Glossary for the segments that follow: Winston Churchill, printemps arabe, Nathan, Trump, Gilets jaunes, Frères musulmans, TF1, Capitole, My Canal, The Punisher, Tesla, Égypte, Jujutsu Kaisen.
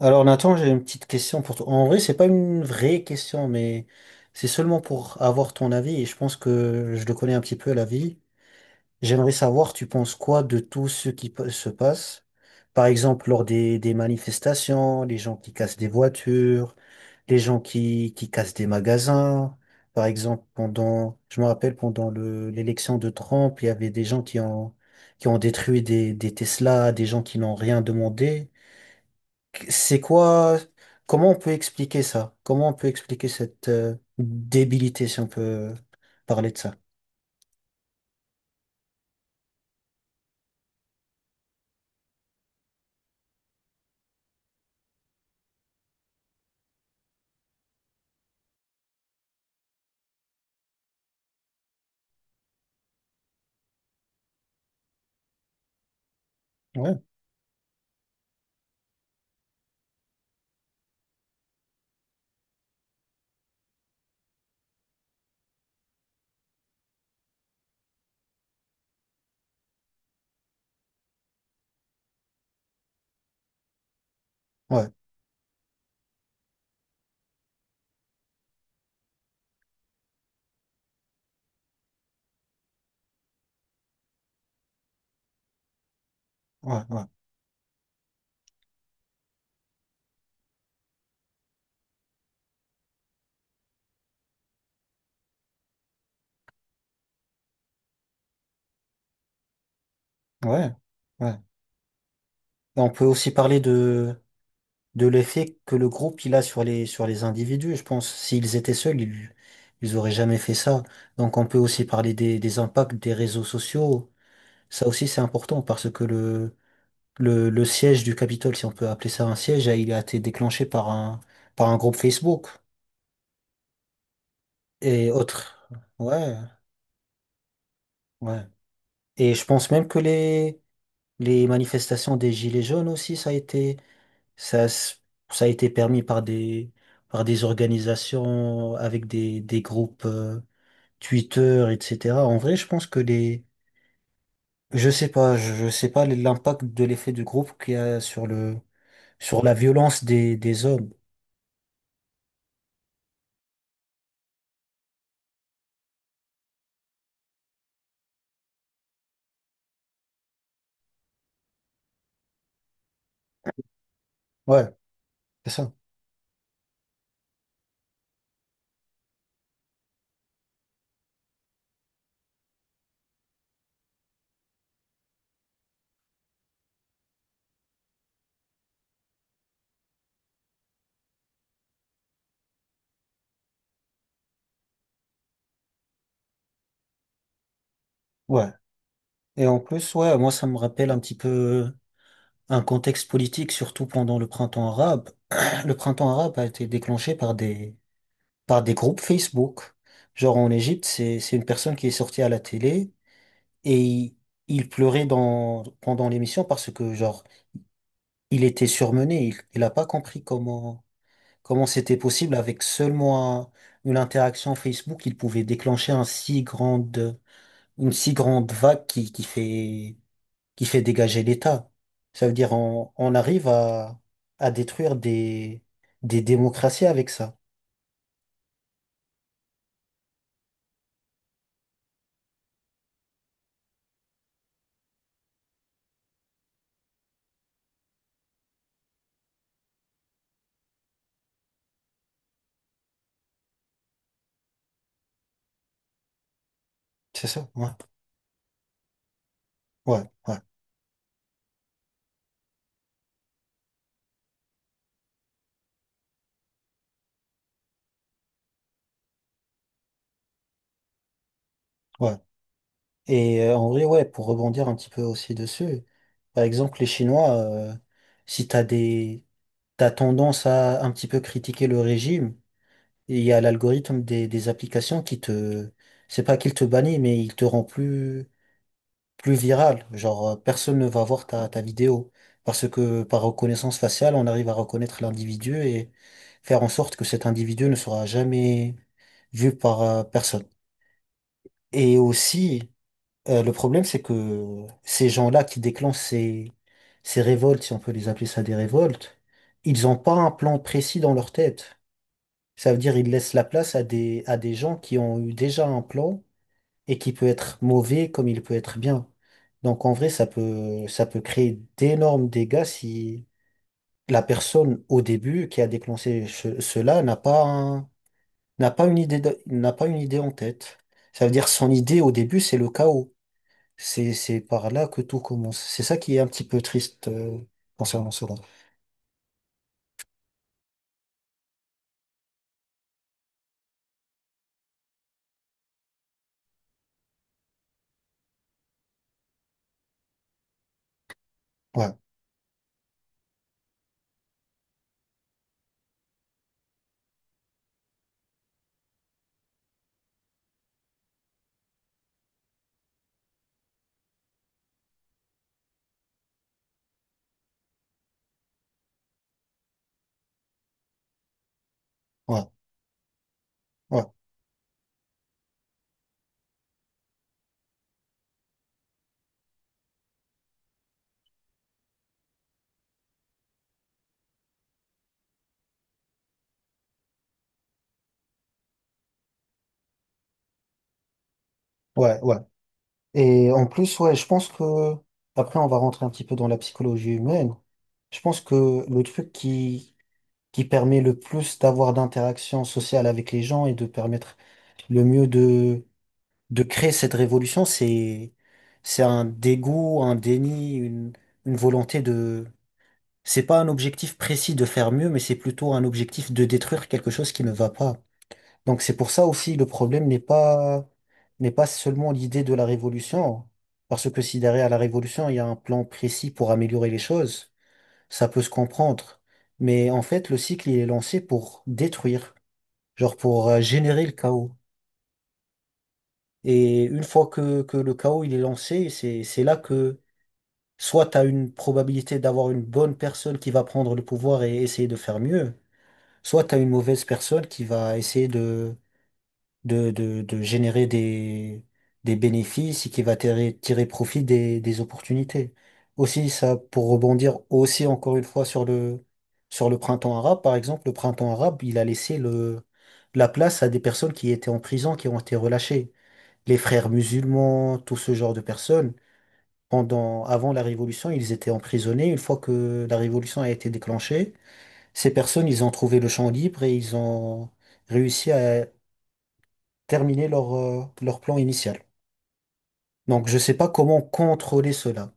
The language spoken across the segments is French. Alors Nathan, j'ai une petite question pour toi. En vrai, c'est pas une vraie question, mais c'est seulement pour avoir ton avis. Et je pense que je le connais un petit peu l'avis. J'aimerais savoir, tu penses quoi de tout ce qui se passe? Par exemple, lors des manifestations, les gens qui cassent des voitures, les gens qui cassent des magasins. Par exemple, pendant, je me rappelle, pendant l'élection de Trump, il y avait des gens qui ont détruit des Tesla, des gens qui n'ont rien demandé. C'est quoi, comment on peut expliquer ça? Comment on peut expliquer cette débilité, si on peut parler de ça? Ouais, ouais, ouais, ouais, ouais, ouais. Et on peut aussi parler de l'effet que le groupe il a sur sur les individus, je pense. S'ils étaient seuls, ils auraient jamais fait ça. Donc on peut aussi parler des impacts des réseaux sociaux. Ça aussi, c'est important parce que le siège du Capitole, si on peut appeler ça un siège, il a été déclenché par par un groupe Facebook. Et autres. Ouais, ouais. Et je pense même que les manifestations des Gilets jaunes aussi, ça, s- ça a été permis par par des organisations avec des groupes Twitter, etc. En vrai, je pense que les, je sais pas, je sais pas l'impact de l'effet du groupe qu'il y a sur le, sur la violence des hommes. Ouais, c'est ça. Ouais. Et en plus, ouais, moi, ça me rappelle un petit peu un contexte politique, surtout pendant le printemps arabe. Le printemps arabe a été déclenché par par des groupes Facebook. Genre en Égypte, c'est une personne qui est sortie à la télé et il pleurait dans, pendant l'émission parce que, genre, il était surmené. Il a pas compris comment, comment c'était possible avec seulement une interaction Facebook, il pouvait déclencher un si grande, une si grande vague qui fait dégager l'État. Ça veut dire on arrive à détruire des démocraties avec ça. C'est ça? Ouais. Ouais, ouais, ouais. Et en vrai, ouais, pour rebondir un petit peu aussi dessus, par exemple, les Chinois, si t'as des, t'as tendance à un petit peu critiquer le régime, il y a l'algorithme des applications qui te, c'est pas qu'il te bannit, mais il te rend plus, plus virale. Genre, personne ne va voir ta vidéo. Parce que par reconnaissance faciale, on arrive à reconnaître l'individu et faire en sorte que cet individu ne sera jamais vu par personne. Et aussi, le problème, c'est que ces gens-là qui déclenchent ces révoltes, si on peut les appeler ça des révoltes, ils n'ont pas un plan précis dans leur tête. Ça veut dire ils laissent la place à des gens qui ont eu déjà un plan et qui peut être mauvais comme il peut être bien. Donc en vrai, ça peut créer d'énormes dégâts si la personne au début qui a déclenché cela n'a pas n'a pas une idée n'a pas une idée en tête. Ça veut dire son idée au début, c'est le chaos. C'est par là que tout commence. C'est ça qui est un petit peu triste concernant cela. Ouais, ouais, ouais, ouais, ouais. Et en plus, ouais, je pense que après on va rentrer un petit peu dans la psychologie humaine. Je pense que le truc qui permet le plus d'avoir d'interactions sociales avec les gens et de permettre le mieux de créer cette révolution, c'est un dégoût, un déni, une volonté de… C'est pas un objectif précis de faire mieux, mais c'est plutôt un objectif de détruire quelque chose qui ne va pas. Donc c'est pour ça aussi le problème n'est pas seulement l'idée de la révolution, parce que si derrière la révolution, il y a un plan précis pour améliorer les choses, ça peut se comprendre. Mais en fait, le cycle, il est lancé pour détruire, genre pour générer le chaos. Et une fois que le chaos, il est lancé, c'est là que soit tu as une probabilité d'avoir une bonne personne qui va prendre le pouvoir et essayer de faire mieux, soit tu as une mauvaise personne qui va essayer de générer des bénéfices et qui va tirer profit des opportunités. Aussi, ça, pour rebondir aussi encore une fois sur le printemps arabe, par exemple, le printemps arabe, il a laissé la place à des personnes qui étaient en prison, qui ont été relâchées. Les frères musulmans, tout ce genre de personnes, pendant, avant la révolution, ils étaient emprisonnés. Une fois que la révolution a été déclenchée, ces personnes, ils ont trouvé le champ libre et ils ont réussi à terminer leur, leur plan initial. Donc, je sais pas comment contrôler cela.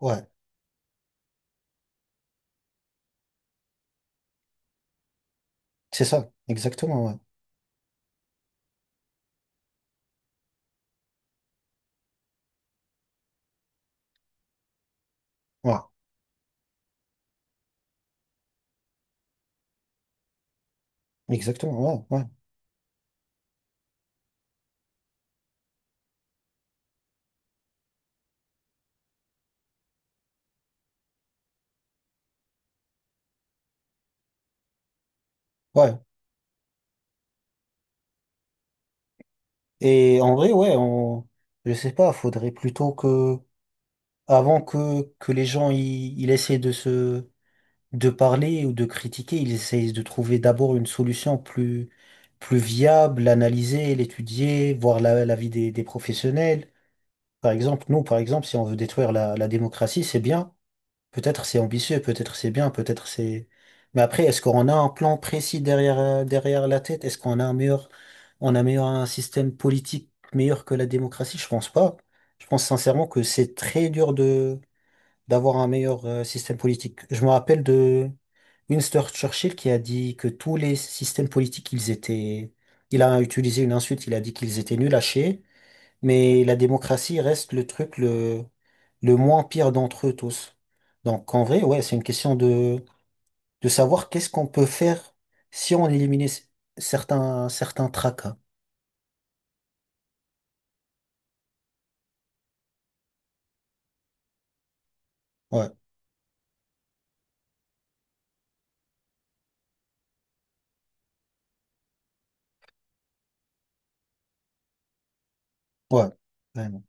Ouais, c'est ça, exactement, ouais. Ouais, exactement, ouais, ouais, ouais. Et en vrai, ouais, on, je sais pas, faudrait plutôt que, avant que les gens, ils essaient de parler ou de critiquer, ils essayent de trouver d'abord une solution plus, plus viable, l'analyser, l'étudier, voir l'avis des professionnels. Par exemple, nous, par exemple, si on veut détruire la démocratie, c'est bien. Peut-être c'est ambitieux, peut-être c'est bien, peut-être c'est… Mais après, est-ce qu'on a un plan précis derrière, derrière la tête? Est-ce qu'on a un meilleur, on a meilleur un système politique meilleur que la démocratie? Je pense pas. Je pense sincèrement que c'est très dur de, d'avoir un meilleur système politique. Je me rappelle de Winston Churchill qui a dit que tous les systèmes politiques, ils étaient, il a utilisé une insulte, il a dit qu'ils étaient nuls à chier. Mais la démocratie reste le truc le moins pire d'entre eux tous. Donc en vrai, ouais, c'est une question de savoir qu'est-ce qu'on peut faire si on éliminait certains, certains tracas. Ouais, ouais. Ouais.